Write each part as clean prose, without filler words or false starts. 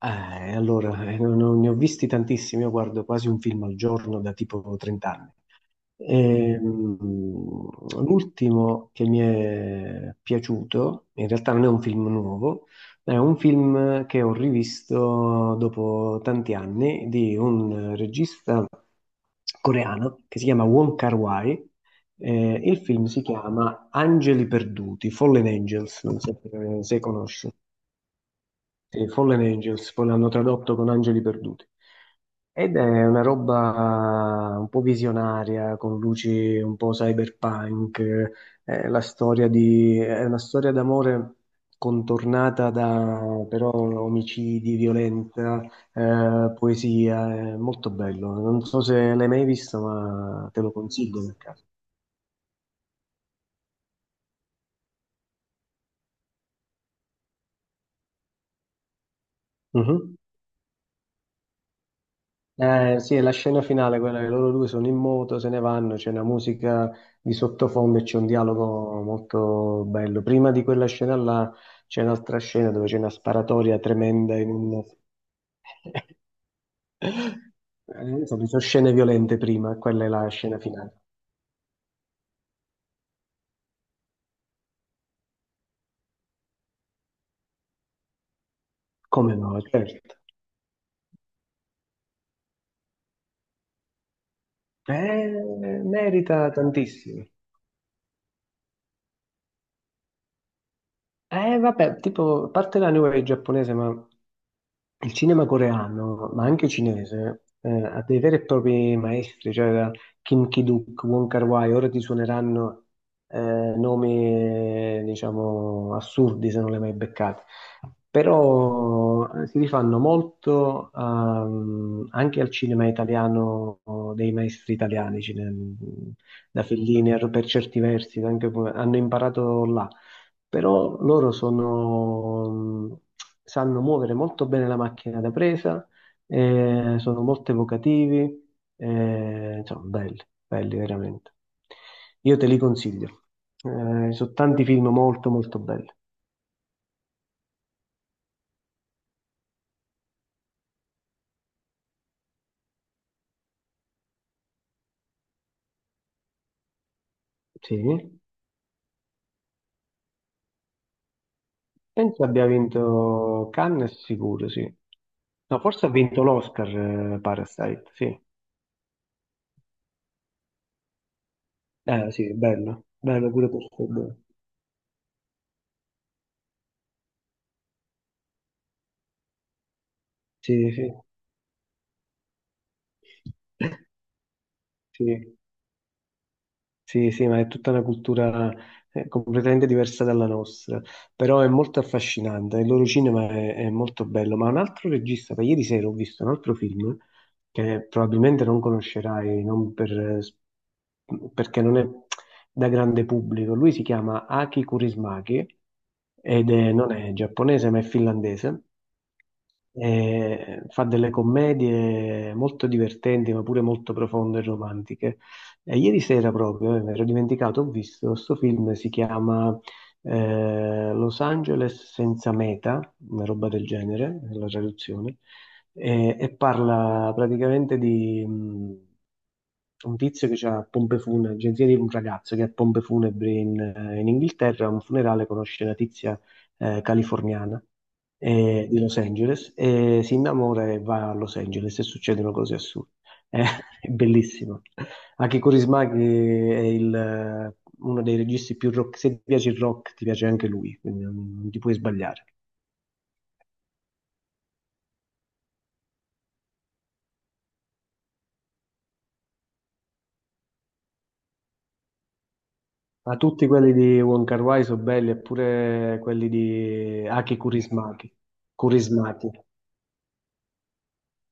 Non ne ho visti tantissimi, io guardo quasi un film al giorno da tipo 30 anni. Ehm, L'ultimo che mi è piaciuto, in realtà non è un film nuovo, è un film che ho rivisto dopo tanti anni di un regista coreano che si chiama Wong Kar-wai. Il film si chiama Angeli Perduti, Fallen Angels, non so se conosci. Sì, Fallen Angels, poi l'hanno tradotto con Angeli Perduti. Ed è una roba un po' visionaria, con luci un po' cyberpunk, è la è una storia d'amore contornata da però omicidi, violenza, poesia, è molto bello. Non so se l'hai mai visto, ma te lo consiglio per caso. Mhm. Sì, è la scena finale, quella che loro due sono in moto, se ne vanno, c'è una musica di sottofondo e c'è un dialogo molto bello. Prima di quella scena là c'è un'altra scena dove c'è una sparatoria tremenda in un... Insomma, ci sono scene violente prima, quella è la scena finale. Come no, certo. Merita tantissimo. Vabbè, tipo, a parte la New Wave giapponese, ma il cinema coreano, ma anche cinese, ha dei veri e propri maestri, cioè da Kim Ki-duk, Wong Kar-wai, ora ti suoneranno eh, nomi, diciamo, assurdi se non li hai mai beccati. Però si rifanno molto anche al cinema italiano, o dei maestri italiani, da Fellini, per certi versi, anche, hanno imparato là però loro sono, sanno muovere molto bene la macchina da presa, sono molto evocativi, insomma, belli, belli veramente. Io te li consiglio. Sono tanti film molto molto belli. Sì, penso abbia vinto Cannes sicuro, sì. No, forse ha vinto l'Oscar, Parasite, sì. Eh sì, bello, bello pure per quello. Sì, sì. Sì. Sì, sì, ma è tutta una cultura completamente diversa dalla nostra, però è molto affascinante, il loro cinema è molto bello, ma un altro regista, da ieri sera ho visto un altro film che probabilmente non conoscerai, non per- perché non è da grande pubblico, lui si chiama Aki Kaurismäki non è giapponese ma è finlandese fa delle commedie molto divertenti, ma pure molto profonde e romantiche. E ieri sera proprio, mi ero dimenticato, ho visto questo film, si chiama Los Angeles senza meta, una roba del genere, la traduzione, e parla praticamente di un tizio che ha pompe funebri, agenzia di un ragazzo che ha pompe funebri in, in Inghilterra, a un funerale conosce la tizia californiana di Los Angeles e si innamora e va a Los Angeles e succedono cose assurde. Eh, è bellissimo. Aki Kaurismäki è uno dei registi più rock. Se ti piace il rock, ti piace anche lui, quindi non ti puoi sbagliare. Ma tutti quelli di Wong Kar-wai sono belli, eppure quelli di Aki Kaurismäki. Kurismaki.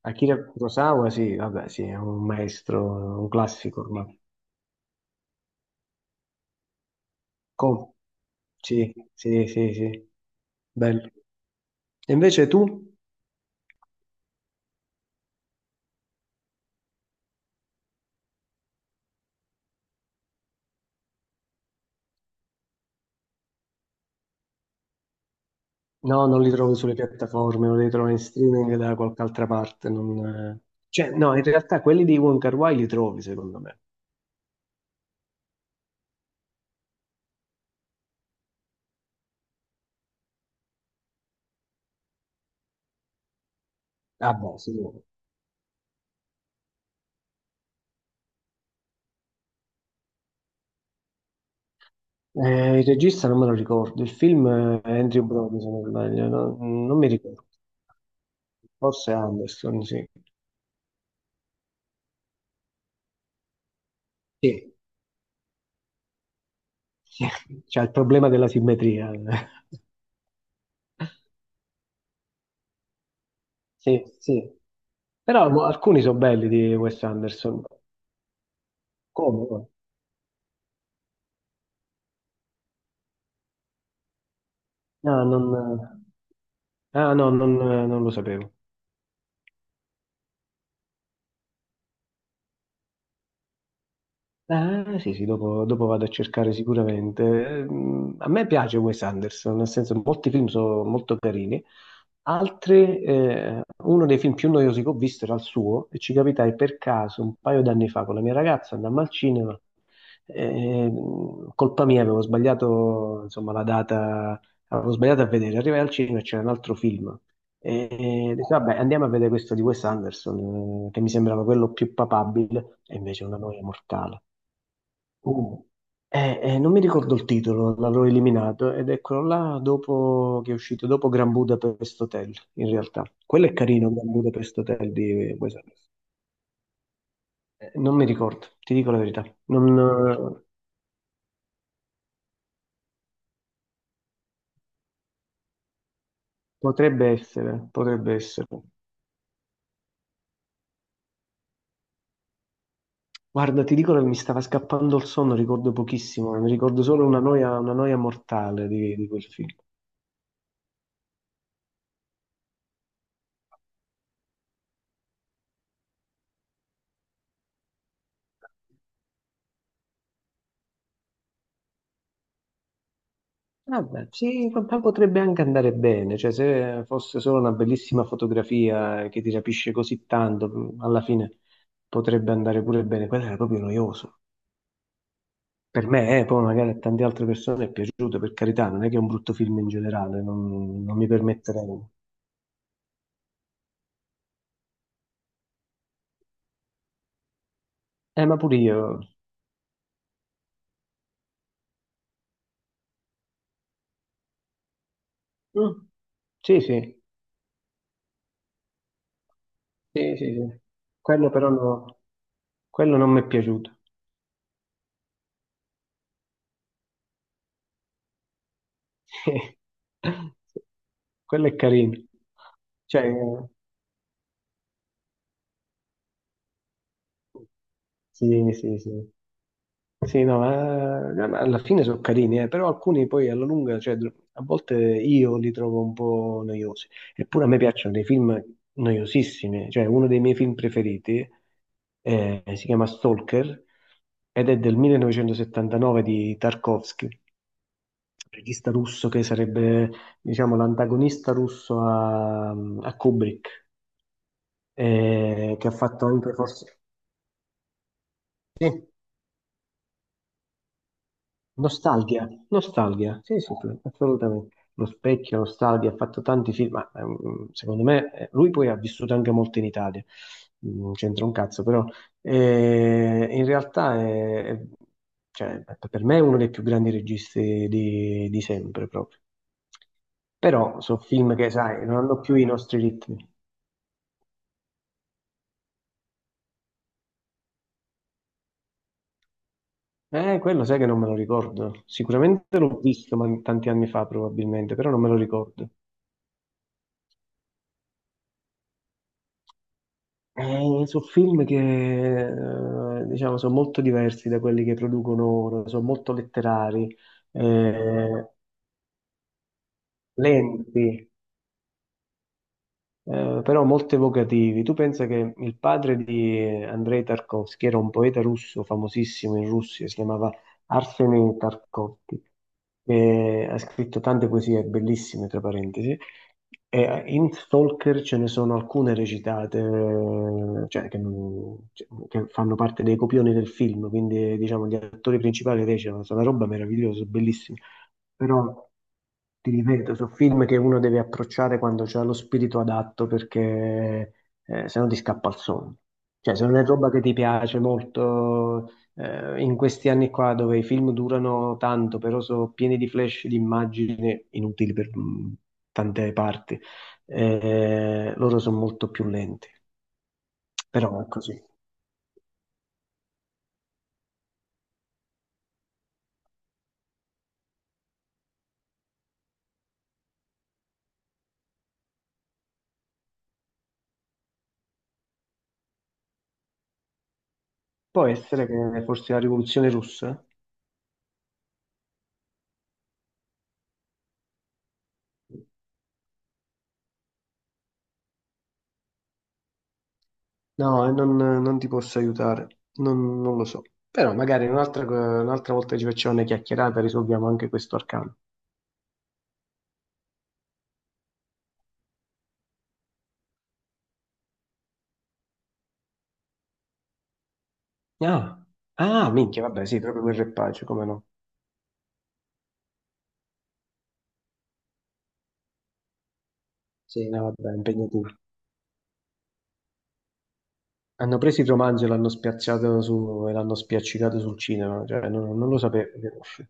Akira Kurosawa, sì, vabbè, sì, è un maestro, un classico ormai. Com- Sì, sì, sì, sì, bello. E invece tu? No, non li trovi sulle piattaforme, non li trovi in streaming da qualche altra parte. Non, eh. Cioè, no, in realtà quelli di Wong Kar-wai li trovi, secondo me. Ah, beh, sicuro. Il regista non me lo ricordo, il film è Andrew Brody, se non sbaglio, non mi ricordo. Forse Anderson, sì. Sì, sì, c'è il problema della simmetria. Sì, sì. Però alcuni sono belli di Wes Anderson. Come? Ah, non, Non lo sapevo. Ah, sì, sì, dopo, dopo vado a cercare sicuramente. A me piace Wes Anderson, nel senso molti film sono molto carini. Altri, uno dei film più noiosi che ho visto era il suo e ci capitai per caso un paio d'anni fa con la mia ragazza, andammo al cinema. Colpa mia, avevo sbagliato, insomma, la data, avevo sbagliato a vedere. Arrivai al cinema e c'era un altro film. E dico, vabbè, andiamo a vedere questo di Wes Anderson, che mi sembrava quello più papabile, e invece è una noia mortale. Uh, non mi ricordo il titolo, l'avevo eliminato ed eccolo là dopo che è uscito, dopo Gran Budapest Hotel, in realtà. Quello è carino, Gran Budapest Hotel di Wes Anderson. Non mi ricordo, ti dico la verità. Non, potrebbe essere, potrebbe essere. Guarda, ti dico che mi stava scappando il sonno, ricordo pochissimo, mi ricordo solo una noia mortale di quel film. Vabbè, sì, in realtà potrebbe anche andare bene, cioè se fosse solo una bellissima fotografia che ti rapisce così tanto, alla fine potrebbe andare pure bene. Quello era proprio noioso. Per me, poi magari a tante altre persone è piaciuto, per carità, non è che è un brutto film in generale, non mi permetterei. Ma pure io. Mm, sì, sì, sì, sì, sì. Quello però no, quello non mi è piaciuto. Quello è carino. Cioè, sì, sì, sì. Sì, no, ma alla fine sono carini, però alcuni poi alla lunga, cioè, a volte io li trovo un po' noiosi. Eppure a me piacciono dei film noiosissimi, cioè uno dei miei film preferiti si chiama Stalker ed è del 1979 di Tarkovsky, regista russo che sarebbe, diciamo, l'antagonista russo a Kubrick, che ha fatto anche forse... Sì. Nostalgia, nostalgia, sì, sì, sì, assolutamente. Lo specchio, nostalgia, ha fatto tanti film, ma secondo me lui poi ha vissuto anche molto in Italia, mm, non c'entra un cazzo, però in realtà cioè, per me è uno dei più grandi registi di sempre proprio. Però sono film che, sai, non hanno più i nostri ritmi. Quello sai che non me lo ricordo. Sicuramente l'ho visto ma tanti anni fa probabilmente, però non me lo ricordo. Sono film che diciamo sono molto diversi da quelli che producono ora, sono molto letterari, eh, lenti. Eh, però molto evocativi. Tu pensa che il padre di Andrei Tarkovsky era un poeta russo famosissimo in Russia, si chiamava Arsenij Tarkovsky, e ha scritto tante poesie bellissime, tra parentesi, e in Stalker ce ne sono alcune recitate, cioè, che, non- cioè, che fanno parte dei copioni del film, quindi diciamo gli attori principali recitano, è una roba meravigliosa, bellissima. Però ti ripeto, sono film che uno deve approcciare quando c'ha lo spirito adatto perché se no ti scappa il sonno. Cioè, se non è roba che ti piace molto, in questi anni qua dove i film durano tanto, però sono pieni di flash di immagini inutili per tante parti, loro sono molto più lenti. Però è così. Può essere che forse la rivoluzione russa? No, e non ti posso aiutare, non lo so. Però magari un'altra volta ci facciamo una chiacchierata e risolviamo anche questo arcano. Ah, ah, minchia, vabbè, sì, proprio quel repace, come no? Sì, no, vabbè, impegnativo. Hanno preso il romanzo e e l'hanno spiaccicato sul cinema, cioè non lo sapevo. Che...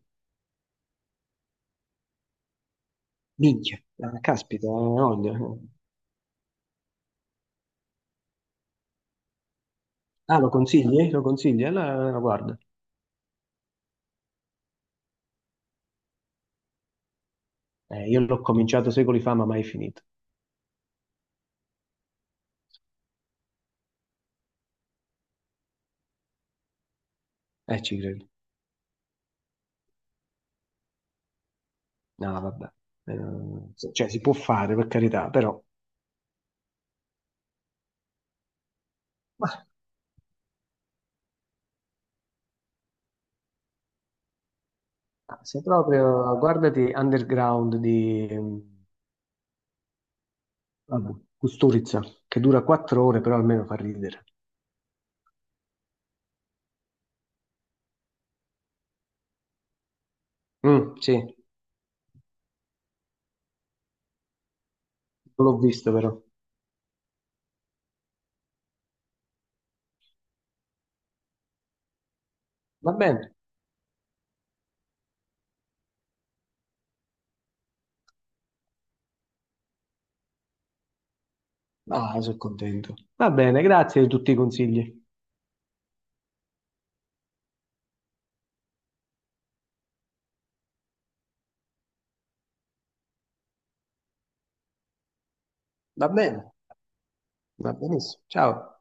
minchia, ah, caspita, no. Ah, lo consigli? Lo consigli? Allora, guarda, eh, io l'ho cominciato secoli fa, ma mai finito. Ci credo. No, vabbè, cioè si può fare per carità, però ma se proprio guardati Underground di vabbè, Kusturica, che dura quattro ore, però almeno fa ridere. Mm, sì, non l'ho visto però. Va bene, ah, sono contento. Va bene, grazie di tutti i consigli. Va bene, va benissimo. Ciao.